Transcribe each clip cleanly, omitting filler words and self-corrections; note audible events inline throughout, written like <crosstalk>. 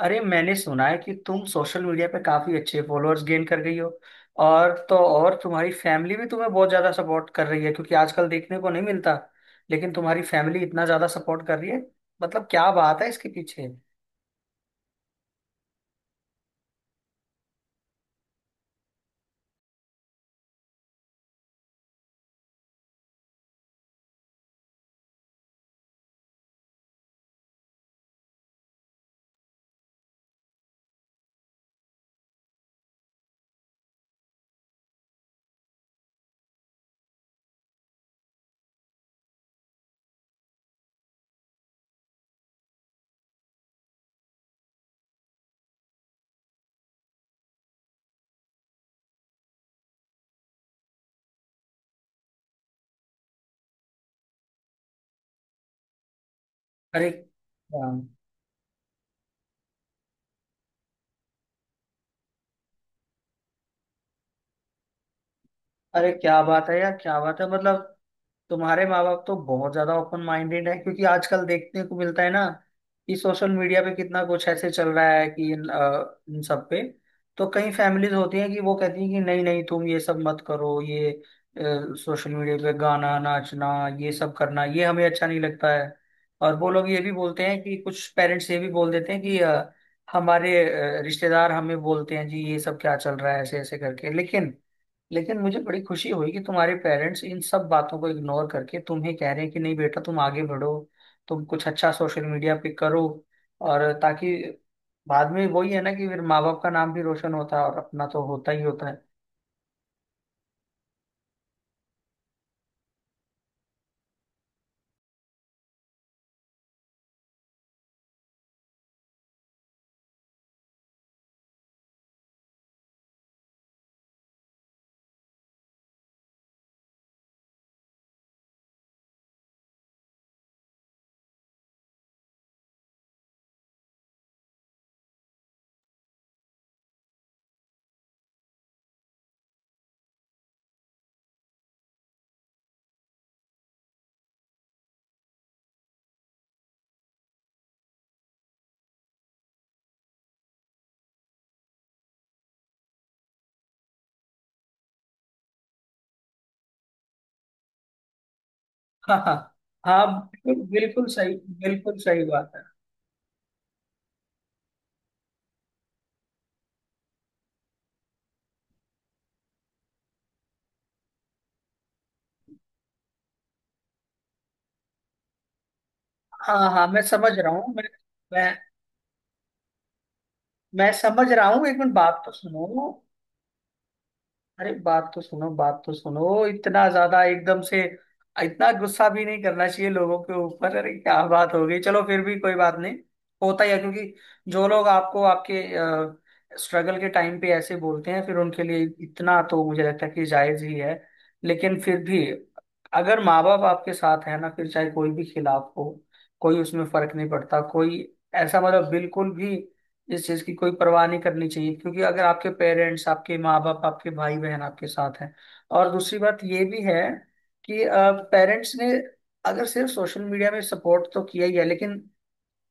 अरे, मैंने सुना है कि तुम सोशल मीडिया पे काफी अच्छे फॉलोअर्स गेन कर गई हो। और तो और, तुम्हारी फैमिली भी तुम्हें बहुत ज्यादा सपोर्ट कर रही है, क्योंकि आजकल देखने को नहीं मिलता, लेकिन तुम्हारी फैमिली इतना ज्यादा सपोर्ट कर रही है। मतलब क्या बात है इसके पीछे। अरे हाँ। अरे क्या बात है यार, क्या बात है मतलब। तुम्हारे माँ बाप तो बहुत ज्यादा ओपन माइंडेड है, क्योंकि आजकल देखने को मिलता है ना कि सोशल मीडिया पे कितना कुछ ऐसे चल रहा है कि इन सब पे तो कई फैमिलीज होती हैं कि वो कहती हैं कि नहीं नहीं, तुम ये सब मत करो, ये सोशल मीडिया पे गाना नाचना, ये सब करना ये हमें अच्छा नहीं लगता है। और वो लोग ये भी बोलते हैं कि कुछ पेरेंट्स ये भी बोल देते हैं कि हमारे रिश्तेदार हमें बोलते हैं, जी ये सब क्या चल रहा है, ऐसे ऐसे करके। लेकिन लेकिन मुझे बड़ी खुशी हुई कि तुम्हारे पेरेंट्स इन सब बातों को इग्नोर करके तुम्हें कह रहे हैं कि नहीं बेटा, तुम आगे बढ़ो, तुम कुछ अच्छा सोशल मीडिया पे करो। और ताकि बाद में वही है ना कि फिर माँ बाप का नाम भी रोशन होता है और अपना तो होता ही होता है। <laughs> हाँ हाँ। हाँ बिल्कुल बिल्कुल सही। बिल्कुल सही बात है। हाँ हाँ, मैं समझ रहा हूँ। मैं मैं समझ रहा हूँ, एक मिनट बात तो सुनो। अरे बात तो सुनो, बात तो सुनो। इतना ज्यादा एकदम से इतना गुस्सा भी नहीं करना चाहिए लोगों के ऊपर। अरे क्या बात हो गई, चलो फिर भी कोई बात नहीं, होता ही है। क्योंकि जो लोग आपको आपके स्ट्रगल के टाइम पे ऐसे बोलते हैं, फिर उनके लिए इतना तो मुझे लगता है कि जायज ही है। लेकिन फिर भी अगर माँ बाप आपके साथ है ना, फिर चाहे कोई भी खिलाफ हो, कोई उसमें फर्क नहीं पड़ता। कोई ऐसा मतलब बिल्कुल भी इस चीज की कोई परवाह नहीं करनी चाहिए, क्योंकि अगर आपके पेरेंट्स, आपके माँ बाप, आपके भाई बहन आपके साथ हैं। और दूसरी बात ये भी है कि पेरेंट्स ने अगर सिर्फ सोशल मीडिया में सपोर्ट तो किया ही है, लेकिन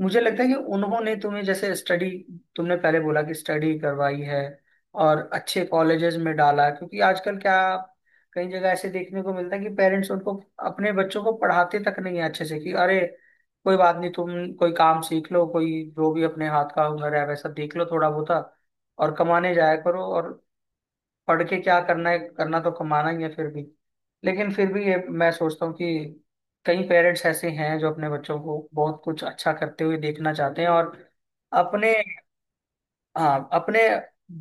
मुझे लगता है कि उन्होंने तुम्हें जैसे स्टडी, तुमने पहले बोला कि स्टडी करवाई है और अच्छे कॉलेजेस में डाला। क्योंकि आजकल क्या, कई जगह ऐसे देखने को मिलता है कि पेरेंट्स उनको, अपने बच्चों को पढ़ाते तक नहीं है अच्छे से। कि अरे कोई बात नहीं, तुम कोई काम सीख लो, कोई जो भी अपने हाथ का हुनर है वैसा देख लो थोड़ा बहुत, और कमाने जाया करो, और पढ़ के क्या करना है, करना तो कमाना ही है फिर भी। लेकिन फिर भी ये मैं सोचता हूँ कि कई पेरेंट्स ऐसे हैं जो अपने बच्चों को बहुत कुछ अच्छा करते हुए देखना चाहते हैं, और अपने, हाँ, अपने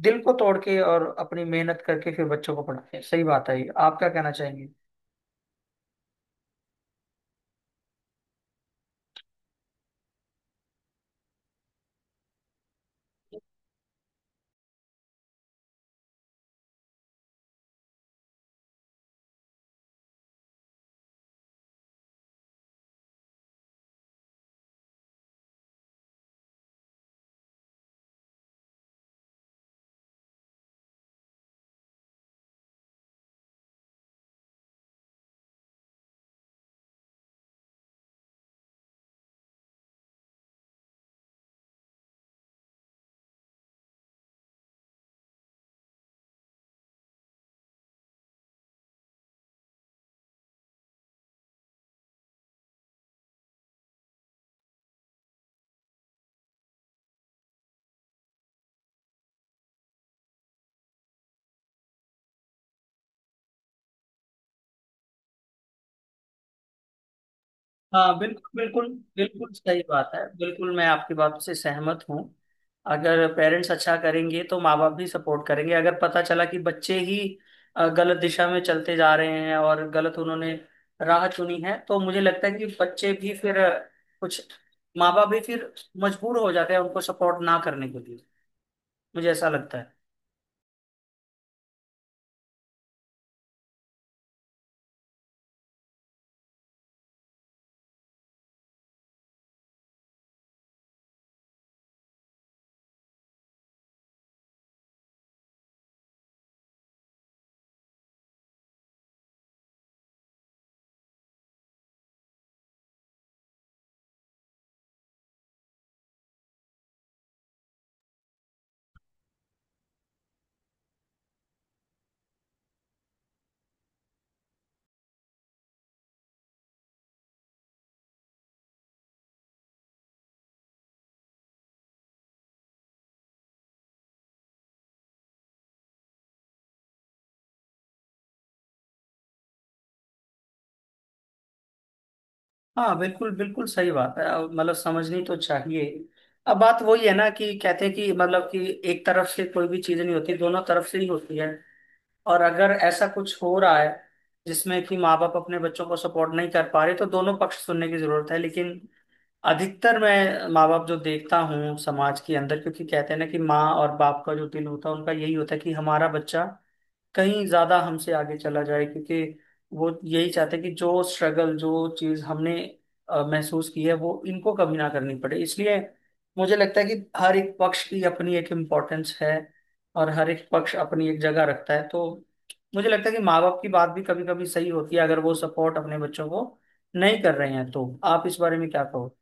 दिल को तोड़ के और अपनी मेहनत करके फिर बच्चों को पढ़ाते हैं। सही बात है ये। आप क्या कहना चाहेंगे। हाँ बिल्कुल बिल्कुल, बिल्कुल सही बात है। बिल्कुल मैं आपकी बात से सहमत हूँ। अगर पेरेंट्स अच्छा करेंगे तो माँ बाप भी सपोर्ट करेंगे। अगर पता चला कि बच्चे ही गलत दिशा में चलते जा रहे हैं और गलत उन्होंने राह चुनी है, तो मुझे लगता है कि बच्चे भी फिर, कुछ माँ बाप भी फिर मजबूर हो जाते हैं उनको सपोर्ट ना करने के लिए। मुझे ऐसा लगता है। हाँ बिल्कुल बिल्कुल सही बात है। अब मतलब समझनी तो चाहिए। अब बात वही है ना कि कहते हैं कि मतलब कि एक तरफ से कोई भी चीज नहीं होती, दोनों तरफ से ही होती है। और अगर ऐसा कुछ हो रहा है जिसमें कि माँ बाप अपने बच्चों को सपोर्ट नहीं कर पा रहे, तो दोनों पक्ष सुनने की जरूरत है। लेकिन अधिकतर मैं माँ बाप जो देखता हूँ समाज के अंदर, क्योंकि कहते हैं ना कि माँ और बाप का जो दिल होता है, उनका यही होता है कि हमारा बच्चा कहीं ज्यादा हमसे आगे चला जाए। क्योंकि वो यही चाहते हैं कि जो स्ट्रगल, जो चीज हमने महसूस की है, वो इनको कभी ना करनी पड़े। इसलिए मुझे लगता है कि हर एक पक्ष की अपनी एक इम्पोर्टेंस है, और हर एक पक्ष अपनी एक जगह रखता है। तो मुझे लगता है कि माँ बाप की बात भी कभी कभी सही होती है। अगर वो सपोर्ट अपने बच्चों को नहीं कर रहे हैं, तो आप इस बारे में क्या कहो।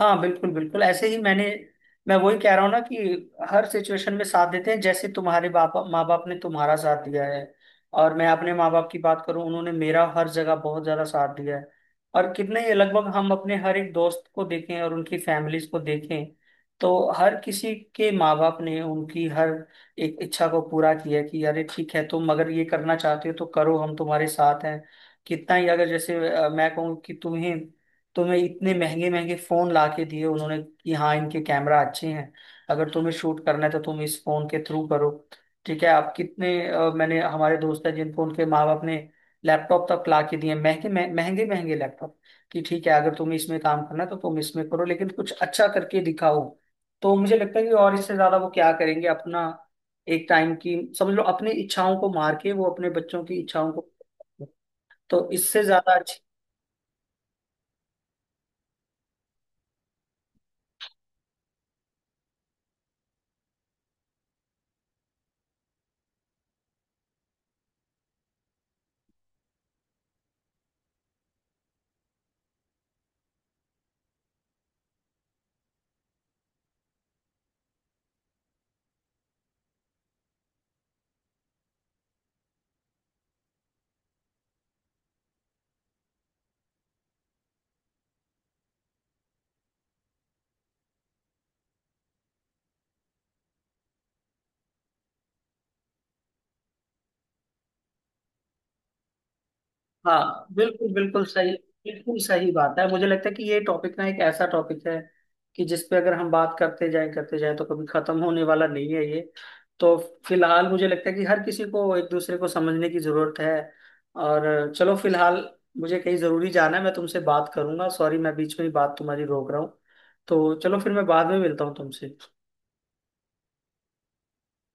हाँ बिल्कुल बिल्कुल, ऐसे ही मैं वही कह रहा हूँ ना कि हर सिचुएशन में साथ देते हैं। जैसे तुम्हारे बाप माँ बाप ने तुम्हारा साथ दिया है, और मैं अपने माँ बाप की बात करूँ, उन्होंने मेरा हर जगह बहुत ज्यादा साथ दिया है। और कितने ही लगभग हम अपने हर एक दोस्त को देखें और उनकी फैमिलीज को देखें, तो हर किसी के माँ बाप ने उनकी हर एक इच्छा को पूरा किया कि अरे ठीक है, तुम अगर ये करना चाहते हो तो करो, हम तुम्हारे साथ हैं। कितना ही, अगर जैसे मैं कहूँ कि तुम्हें तुम्हें इतने महंगे महंगे फोन ला के दिए उन्होंने, कि हाँ इनके कैमरा अच्छे हैं, अगर तुम्हें शूट करना है तो तुम इस फोन के थ्रू करो। ठीक है, आप कितने, मैंने, हमारे दोस्त हैं जिनको उनके माँ बाप ने लैपटॉप तक ला के दिए, महंगे महंगे महंगे लैपटॉप, कि ठीक है, अगर तुम्हें इसमें काम करना है तो तुम इसमें करो, लेकिन कुछ अच्छा करके दिखाओ। तो मुझे लगता है कि और इससे ज्यादा वो क्या करेंगे, अपना एक टाइम की समझ लो, अपनी इच्छाओं को मार के वो अपने बच्चों की इच्छाओं को, तो इससे ज्यादा अच्छी। हाँ बिल्कुल बिल्कुल सही, बिल्कुल सही बात है। मुझे लगता है कि ये टॉपिक ना एक ऐसा टॉपिक है कि जिस पे अगर हम बात करते जाएं करते जाएं, तो कभी खत्म होने वाला नहीं है ये। तो फिलहाल मुझे लगता है कि हर किसी को एक दूसरे को समझने की जरूरत है। और चलो फिलहाल, मुझे कहीं जरूरी जाना है, मैं तुमसे बात करूंगा। सॉरी, मैं बीच में ही बात तुम्हारी रोक रहा हूँ। तो चलो फिर मैं बाद में मिलता हूँ तुमसे।